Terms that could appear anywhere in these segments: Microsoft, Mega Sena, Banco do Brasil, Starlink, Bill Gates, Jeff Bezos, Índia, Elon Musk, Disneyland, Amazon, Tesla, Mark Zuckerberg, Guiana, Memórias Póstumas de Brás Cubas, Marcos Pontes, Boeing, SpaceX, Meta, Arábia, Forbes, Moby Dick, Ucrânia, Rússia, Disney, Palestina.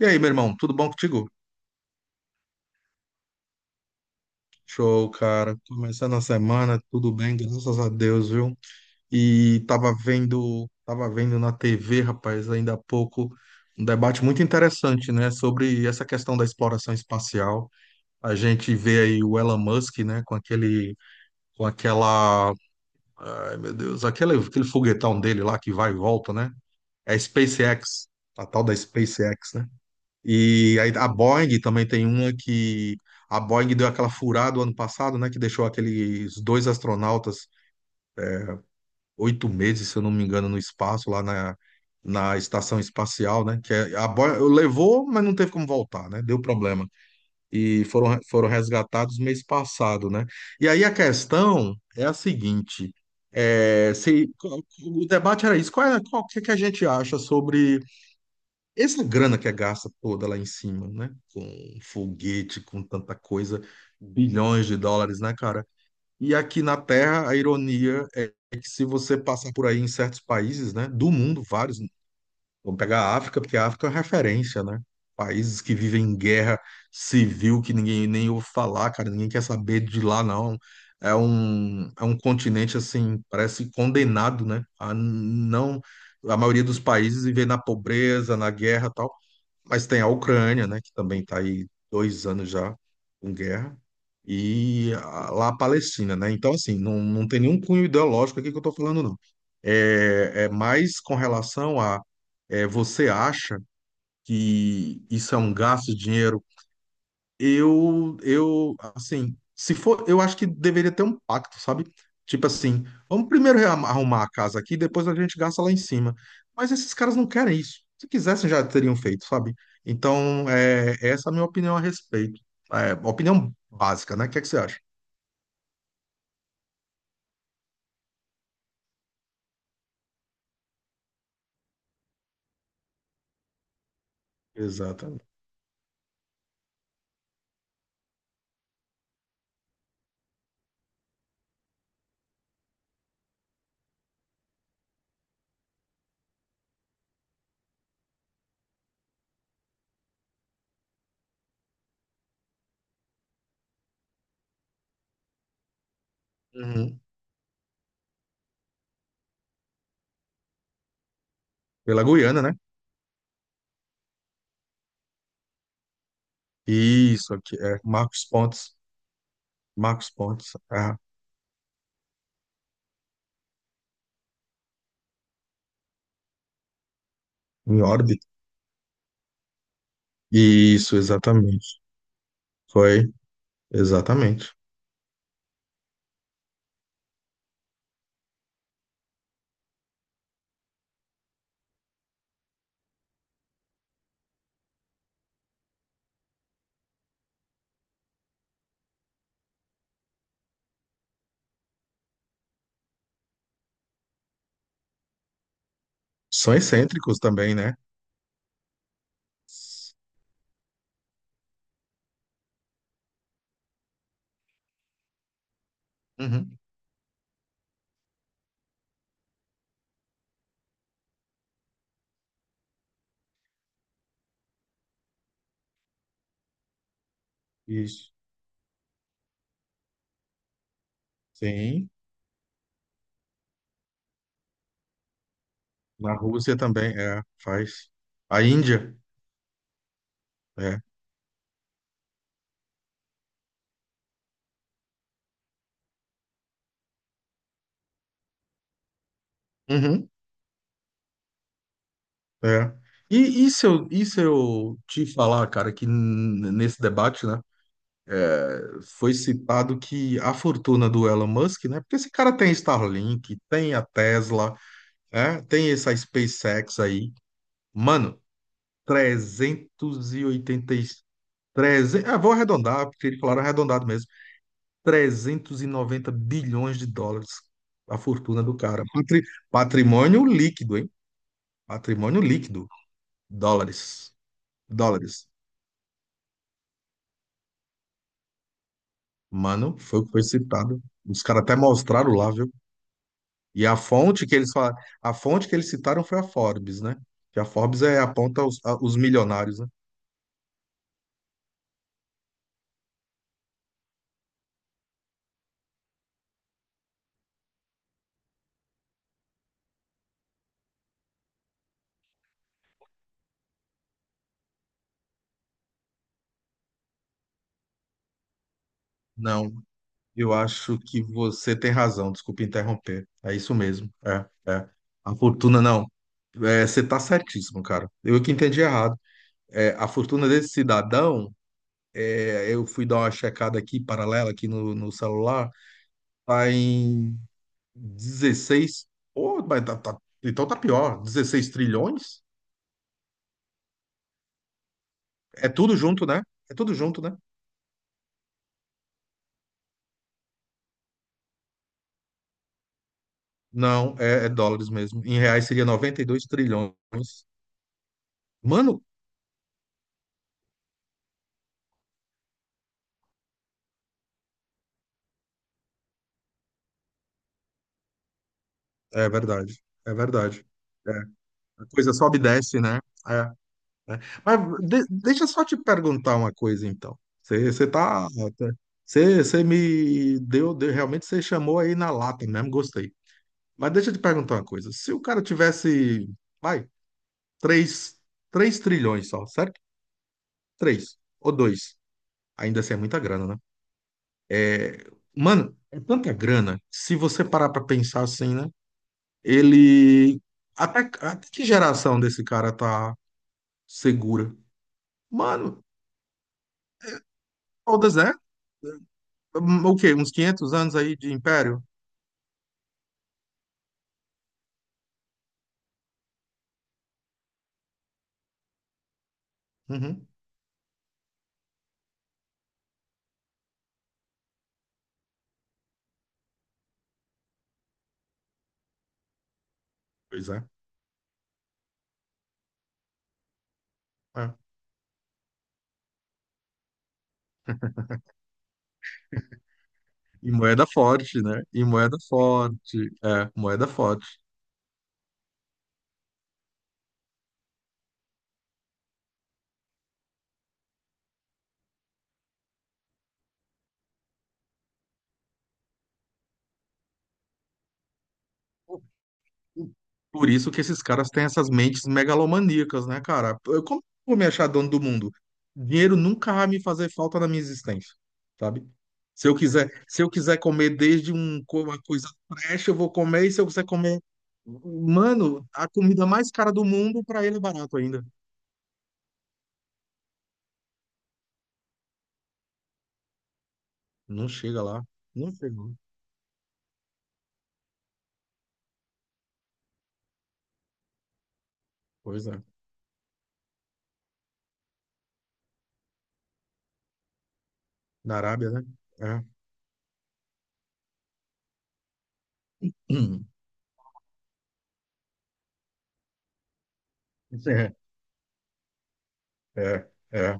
E aí, meu irmão, tudo bom contigo? Show, cara. Começando a semana, tudo bem, graças a Deus, viu? E tava vendo na TV, rapaz, ainda há pouco, um debate muito interessante, né, sobre essa questão da exploração espacial. A gente vê aí o Elon Musk, né, com aquele, com aquela, ai, meu Deus, aquele, aquele foguetão dele lá que vai e volta, né? É a SpaceX, a tal da SpaceX, né? E aí a Boeing também tem uma que a Boeing deu aquela furada o ano passado, né, que deixou aqueles dois astronautas 8 meses, se eu não me engano, no espaço lá na estação espacial, né, a Boeing levou, mas não teve como voltar, né, deu problema e foram resgatados mês passado, né. E aí a questão é a seguinte, é, se o debate era isso, qual é, qual o que que a gente acha sobre essa grana que é gasta toda lá em cima, né? Com foguete, com tanta coisa, bilhões de dólares, né, cara? E aqui na Terra, a ironia é que se você passar por aí em certos países, né, do mundo, vários, vamos pegar a África, porque a África é uma referência, né? Países que vivem em guerra civil, que ninguém nem ouve falar, cara, ninguém quer saber de lá, não. É um continente, assim, parece condenado, né? A não, a maioria dos países viver na pobreza, na guerra, tal. Mas tem a Ucrânia, né, que também está aí 2 anos já com guerra, e lá a Palestina, né? Então, assim, não tem nenhum cunho ideológico aqui que eu estou falando, não. É mais com relação a você acha que isso é um gasto de dinheiro? Eu assim, se for, eu acho que deveria ter um pacto, sabe? Tipo assim, vamos primeiro arrumar a casa aqui, depois a gente gasta lá em cima. Mas esses caras não querem isso. Se quisessem, já teriam feito, sabe? Então, é, essa é a minha opinião a respeito. É, opinião básica, né? O que é que você acha? Exatamente. Uhum. Pela Guiana, né? Isso, aqui, é Marcos Pontes. Marcos Pontes, é, em órbita. Isso, exatamente. Foi, exatamente. São excêntricos também, né? Uhum. Isso. Sim. Na Rússia também, é, faz. A Índia, é. Uhum. É. E, e se eu te falar, cara, que nesse debate, né, foi citado que a fortuna do Elon Musk, né, porque esse cara tem Starlink, tem a Tesla, né, tem essa SpaceX aí, mano, 380 300, ah, vou arredondar, porque eles falaram arredondado mesmo, 390 bilhões de dólares a fortuna do cara. Patrimônio líquido, hein? Patrimônio líquido. Dólares. Dólares. Mano, foi o que foi citado. Os caras até mostraram lá, viu? E a fonte que eles falaram, a fonte que eles citaram foi a Forbes, né? Que a Forbes é aponta os, os milionários, né? Não, eu acho que você tem razão. Desculpa interromper. É isso mesmo. É. A fortuna não. É, você tá certíssimo, cara. Eu que entendi errado. É, a fortuna desse cidadão, é, eu fui dar uma checada aqui, paralela, aqui no celular, tá em 16. Pô, mas então tá pior, 16 trilhões? É tudo junto, né? É tudo junto, né? Não, é dólares mesmo. Em reais seria 92 trilhões. Mano, é verdade. É, a coisa sobe e desce, né? É, né? Mas deixa eu só te perguntar uma coisa, então. Você você tá, tá, você você me deu, realmente você chamou aí na lata mesmo, gostei. Mas deixa eu te perguntar uma coisa. Se o cara tivesse, vai, três, 3 trilhões só, certo? Três ou dois, ainda assim é muita grana, né? Mano, é tanta grana. Se você parar pra pensar assim, né? Ele até que geração desse cara tá segura? Mano, todas, né? Hum, o quê? Uns 500 anos aí de império? Uhum. Pois é. É. E moeda forte, né? E moeda forte. É, moeda forte. Por isso que esses caras têm essas mentes megalomaníacas, né, cara? Como eu vou me achar dono do mundo? Dinheiro nunca vai me fazer falta na minha existência, sabe? Se eu quiser, se eu quiser comer desde um, uma coisa trash, eu vou comer, e se eu quiser comer, mano, a comida mais cara do mundo, pra ele é barato ainda. Não chega lá. Não chega lá. Pois é. Na Arábia, né? É. Hum. É, é, é.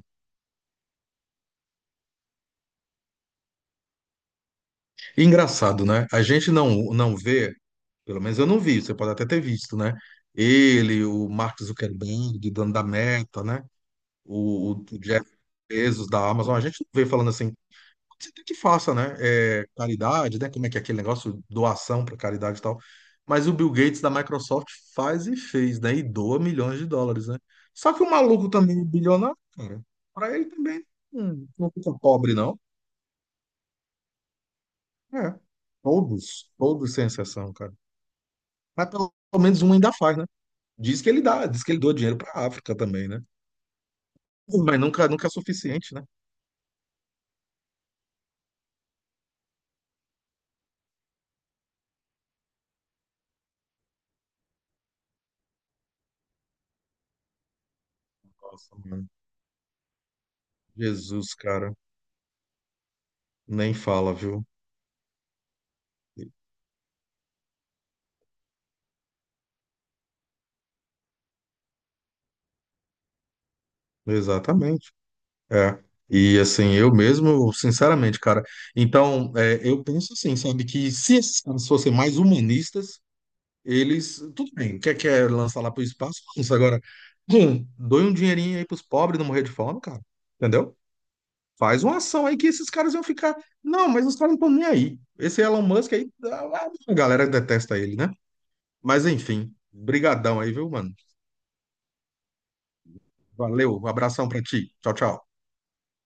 Engraçado, né? A gente não vê, pelo menos eu não vi, você pode até ter visto, né? Ele, o Mark Zuckerberg, dono da Meta, né? O Jeff Bezos da Amazon, a gente não vê falando assim, você tem que faça, né? É, caridade, né? Como é que é aquele negócio, doação para caridade e tal. Mas o Bill Gates da Microsoft faz e fez, né? E doa milhões de dólares, né? Só que o maluco também, é bilionário, cara, para ele também não fica pobre, não. É. Todos, todos sem exceção, cara. Mas pelo menos um ainda faz, né? Diz que ele dá, diz que ele doa dinheiro para a África também, né? Mas nunca é suficiente, né? Nossa, mano. Jesus, cara, nem fala, viu? Exatamente. É. E assim, eu mesmo, sinceramente, cara. Então, é, eu penso assim, sabe, que se esses caras fossem mais humanistas, eles. Tudo bem, quer lançar lá pro espaço? Lança agora. Doe um dinheirinho aí pros pobres não morrer de fome, cara. Entendeu? Faz uma ação aí que esses caras iam ficar. Não, mas os caras não estão nem aí. Esse Elon Musk aí, a galera detesta ele, né? Mas enfim, brigadão aí, viu, mano? Valeu, um abração pra ti. Tchau, tchau.